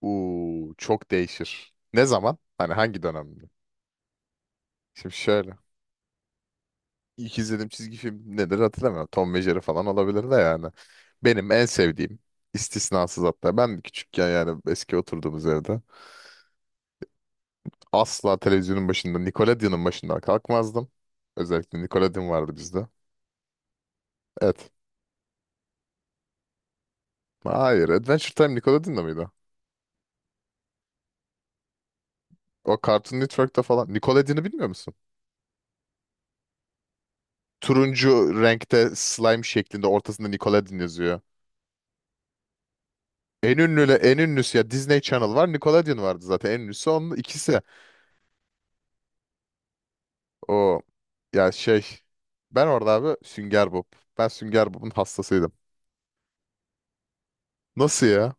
Çok değişir. Ne zaman? Hani hangi dönemde? Şimdi şöyle. İlk izlediğim çizgi film nedir hatırlamıyorum. Tom ve Jerry falan olabilir de yani. Benim en sevdiğim istisnasız, hatta ben küçükken yani eski oturduğumuz evde asla televizyonun başında Nickelodeon'un başından kalkmazdım. Özellikle Nickelodeon vardı bizde. Evet. Hayır, Adventure Time Nickelodeon'da mıydı? O Cartoon Network'ta falan. Nickelodeon'u bilmiyor musun? Turuncu renkte slime şeklinde, ortasında Nickelodeon yazıyor. En ünlüsü ya, Disney Channel var, Nickelodeon vardı zaten. En ünlüsü onun ikisi. O, ya şey, ben orada abi Sünger Bob. Ben Sünger Bob'un hastasıydım. Nasıl ya?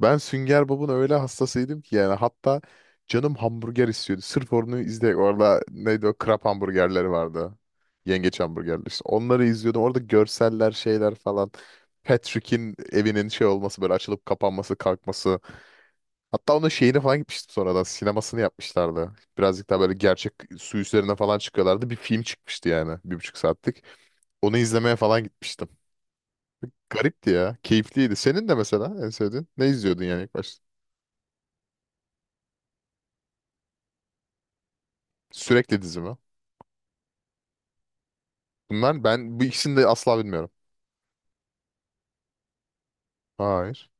Ben Sünger Bob'un öyle hastasıydım ki, yani hatta canım hamburger istiyordu. Sırf onu izle, orada neydi o krap hamburgerleri vardı. Yengeç hamburgerleri işte. Onları izliyordum. Orada görseller, şeyler falan. Patrick'in evinin şey olması, böyle açılıp kapanması, kalkması. Hatta onun şeyini falan gitmiştim sonradan. Sinemasını yapmışlardı. Birazcık daha böyle gerçek, su üzerine falan çıkıyorlardı. Bir film çıkmıştı yani. Bir buçuk saatlik. Onu izlemeye falan gitmiştim. Garipti ya. Keyifliydi. Senin de mesela en sevdiğin. Ne izliyordun yani ilk başta? Sürekli dizi mi? Bunlar, ben bu ikisini de asla bilmiyorum. Hayır.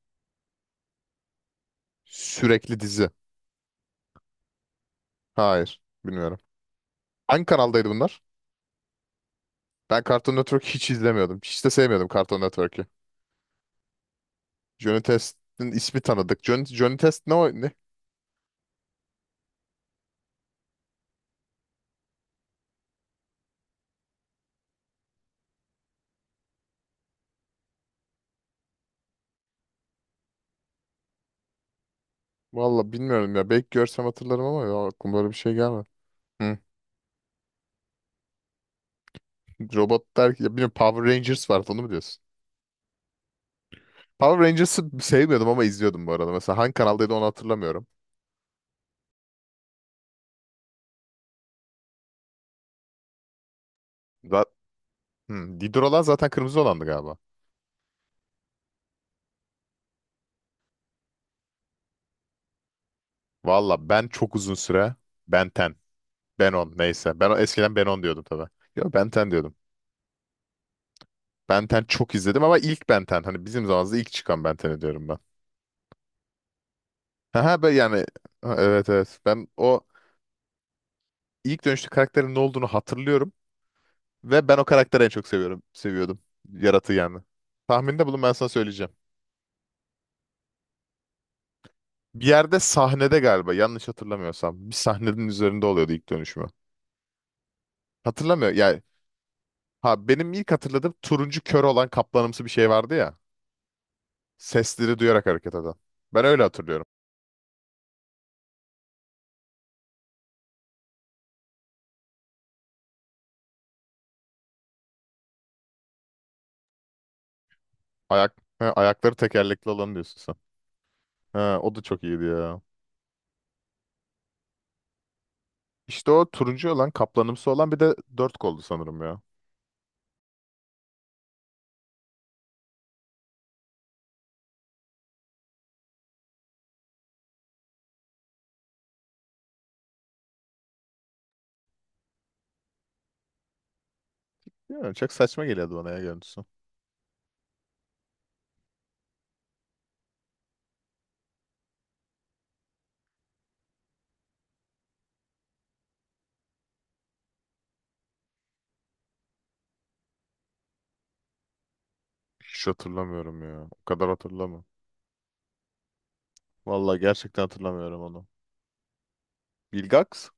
Sürekli dizi. Hayır. Bilmiyorum. Hangi kanaldaydı bunlar? Ben Cartoon Network hiç izlemiyordum. Hiç de sevmiyordum Cartoon Network'ü. Johnny Test'in ismi tanıdık. Johnny Test ne, ne? Valla bilmiyorum ya. Belki görsem hatırlarım ama ya, aklıma öyle bir şey gelmedi. Hı. Robot der ki, ya bilmiyorum, Power Rangers vardı, onu mu diyorsun? Power Rangers'ı sevmiyordum ama izliyordum bu arada. Mesela hangi kanaldaydı onu hatırlamıyorum. Za- Hı, Didrola zaten kırmızı olandı galiba. Valla ben çok uzun süre Ben 10, Ben 10 neyse. Ben eskiden Ben 10 diyordum tabii. Yo, Ben 10 diyordum. Ben 10 çok izledim ama ilk Ben 10, hani bizim zamanımızda ilk çıkan Ben 10'i diyorum ben. Ha ben yani ha, evet evet, ben o ilk dönüşte karakterin ne olduğunu hatırlıyorum. Ve ben o karakteri en çok seviyorum. Seviyordum. Yaratığı yani. Tahminde bulun, ben sana söyleyeceğim. Bir yerde sahnede, galiba yanlış hatırlamıyorsam, bir sahnenin üzerinde oluyordu ilk dönüşümü. Hatırlamıyor yani. Ha, benim ilk hatırladığım turuncu kör olan kaplanımsı bir şey vardı ya. Sesleri duyarak hareket eden. Ben öyle hatırlıyorum. Ayak ha, ayakları tekerlekli olan diyorsun sen. Ha, o da çok iyiydi ya. İşte o turuncu olan kaplanımsı olan, bir de dört koldu sanırım ya. Bilmiyorum, çok saçma geliyordu bana ya görüntüsü. Hiç hatırlamıyorum ya. O kadar hatırlamıyorum. Vallahi gerçekten hatırlamıyorum onu. Bilgax.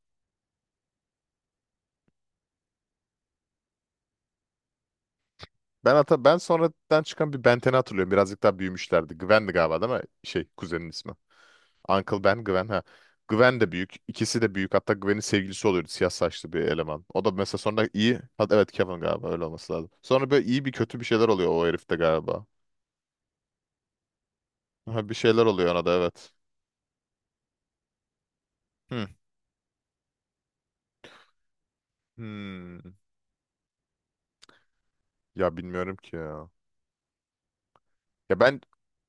Ben sonradan çıkan bir Benten'i hatırlıyorum. Birazcık daha büyümüşlerdi. Gwen'di galiba değil mi? Şey, kuzenin ismi. Uncle Ben, Gwen ha. Gwen de büyük. İkisi de büyük. Hatta Gwen'in sevgilisi oluyordu. Siyah saçlı bir eleman. O da mesela sonra iyi. Ha, evet, Kevin, galiba öyle olması lazım. Sonra böyle iyi bir kötü bir şeyler oluyor o herifte galiba. Ha, bir şeyler oluyor ona da, evet. Hı. Hmm. Ya bilmiyorum ki ya. Ya ben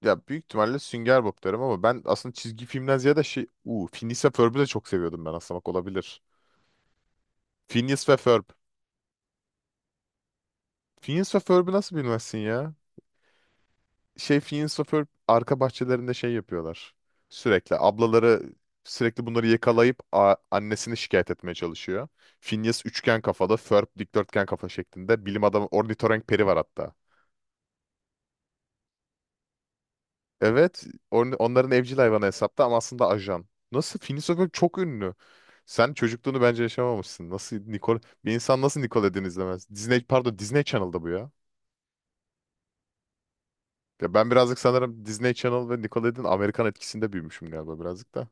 ya büyük ihtimalle Sünger Bob derim ama ben aslında çizgi filmden ziyade şey, Phineas ve Ferb'ü de çok seviyordum ben aslında, bak, olabilir. Phineas ve Ferb. Phineas ve Ferb'ü nasıl bilmezsin ya? Şey, Phineas ve Ferb arka bahçelerinde şey yapıyorlar. Sürekli ablaları sürekli bunları yakalayıp annesini şikayet etmeye çalışıyor. Phineas üçgen kafalı, Ferb dikdörtgen kafa şeklinde. Bilim adamı ornitorenk peri var hatta. Evet, onların evcil hayvanı hesapta ama aslında ajan. Nasıl? Phineas O'Connell çok ünlü. Sen çocukluğunu bence yaşamamışsın. Nasıl Nicole, bir insan nasıl Nickelodeon izlemez? Disney, pardon, Disney Channel'da bu ya. Ya ben birazcık sanırım Disney Channel ve Nickelodeon Amerikan etkisinde büyümüşüm galiba, birazcık da.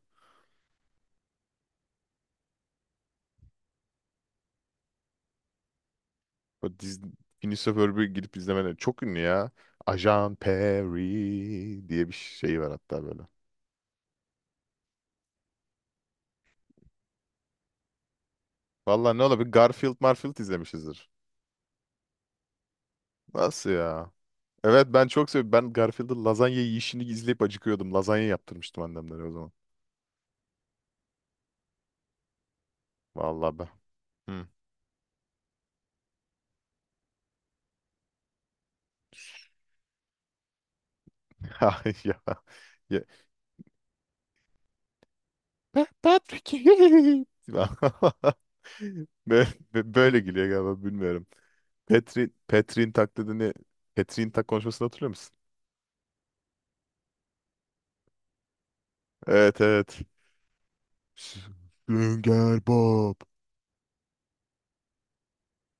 O Disney, Phineas O'Connell'ı gidip izlemene, çok ünlü ya. Ajan Perry diye bir şey var hatta böyle. Vallahi ne olabilir? Garfield, Marfield izlemişizdir. Nasıl ya? Evet ben çok seviyorum. Ben Garfield'ın lazanya yiyişini izleyip acıkıyordum. Lazanya yaptırmıştım annemlere o zaman. Vallahi ben, hı. Ay ya. Patrick. Böyle, böyle gülüyor galiba, bilmiyorum. Petrin taklidini, Petrin konuşmasını hatırlıyor musun? Evet evet. Sünger Bob.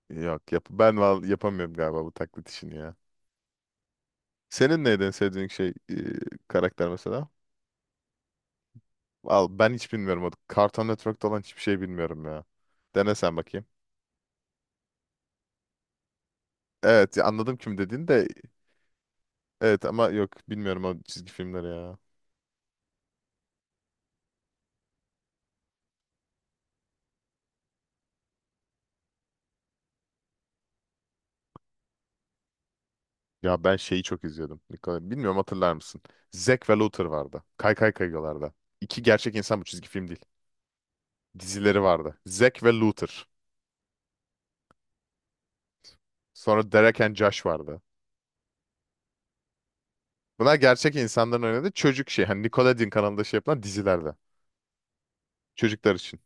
Yok yap, yapamıyorum galiba bu taklit işini ya. Senin neydi en sevdiğin şey, karakter mesela? Al, ben hiç bilmiyorum, o Cartoon Network'ta olan hiçbir şey bilmiyorum ya. Dene sen bakayım. Evet ya, anladım kim dediğin de, evet, ama yok, bilmiyorum o çizgi filmleri ya. Ya ben şeyi çok izliyordum. Bilmiyorum, hatırlar mısın? Zack ve Luther vardı. Kay Kaygılar'da. İki gerçek insan, bu çizgi film değil. Dizileri vardı. Zack ve Luther. Sonra Derek and Josh vardı. Bunlar gerçek insanların oynadığı çocuk şey. Hani Nickelodeon kanalında şey yapılan dizilerde. Çocuklar için.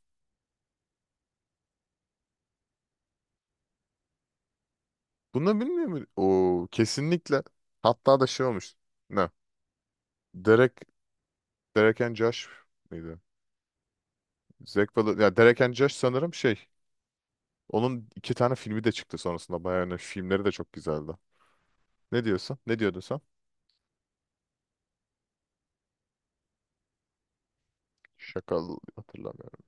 Bunu bilmiyor mu? Oo, kesinlikle. Hatta da şey olmuş. Ne? Derek Derek and Josh mıydı? Zack Val- ya Derek and Josh sanırım şey. Onun iki tane filmi de çıktı sonrasında. Bayağı önemli. Filmleri de çok güzeldi. Ne diyorsun? Ne diyordun sen? Şakal hatırlamıyorum.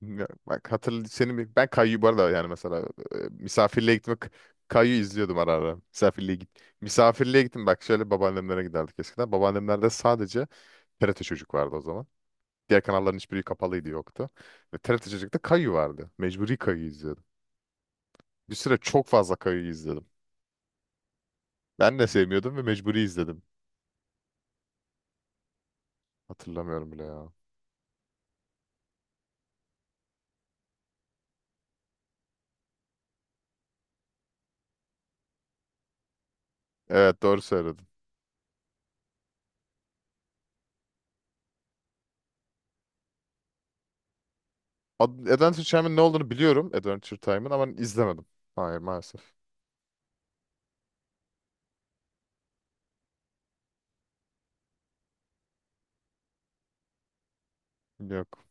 Ya, bak hatırl seni bir- ben Kayyu bu arada, yani mesela misafirliğe gitmek, Kayyu izliyordum ara ara. Misafirliğe git. Misafirliğe gittim, bak, şöyle babaannemlere giderdik eskiden. Babaannemlerde sadece TRT Çocuk vardı o zaman. Diğer kanalların hiçbiri kapalıydı, yoktu. Ve TRT Çocuk'ta Kayyu vardı. Mecburi Kayyu izliyordum. Bir süre çok fazla Kayyu izledim. Ben de sevmiyordum ve mecburi izledim. Hatırlamıyorum bile ya. Evet, doğru söyledin. Adventure Time'ın ne olduğunu biliyorum. Adventure Time'ın, ama izlemedim. Hayır, maalesef. Yok.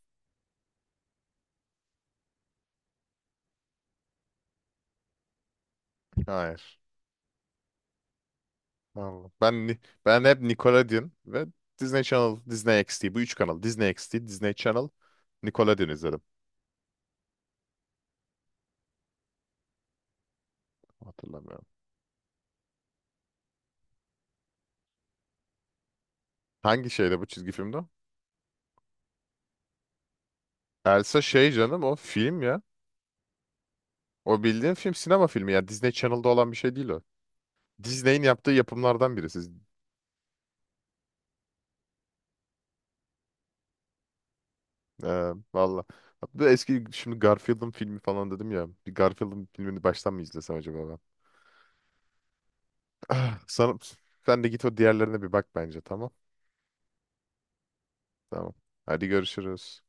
Hayır. Allah. Ben hep Nickelodeon ve Disney Channel, Disney XD, bu üç kanal. Disney XD, Disney Channel, Nickelodeon izledim. Hatırlamıyorum. Hangi şeyde bu, çizgi filmde? Elsa, şey canım, o film ya. O bildiğin film, sinema filmi ya. Disney Channel'da olan bir şey değil o. Disney'in yaptığı yapımlardan birisi. Valla. Hatta eski, şimdi Garfield'ın filmi falan dedim ya. Bir Garfield'ın filmini baştan mı izlesem acaba ben? Sana, sen de git o diğerlerine bir bak bence, tamam. Tamam. Hadi görüşürüz.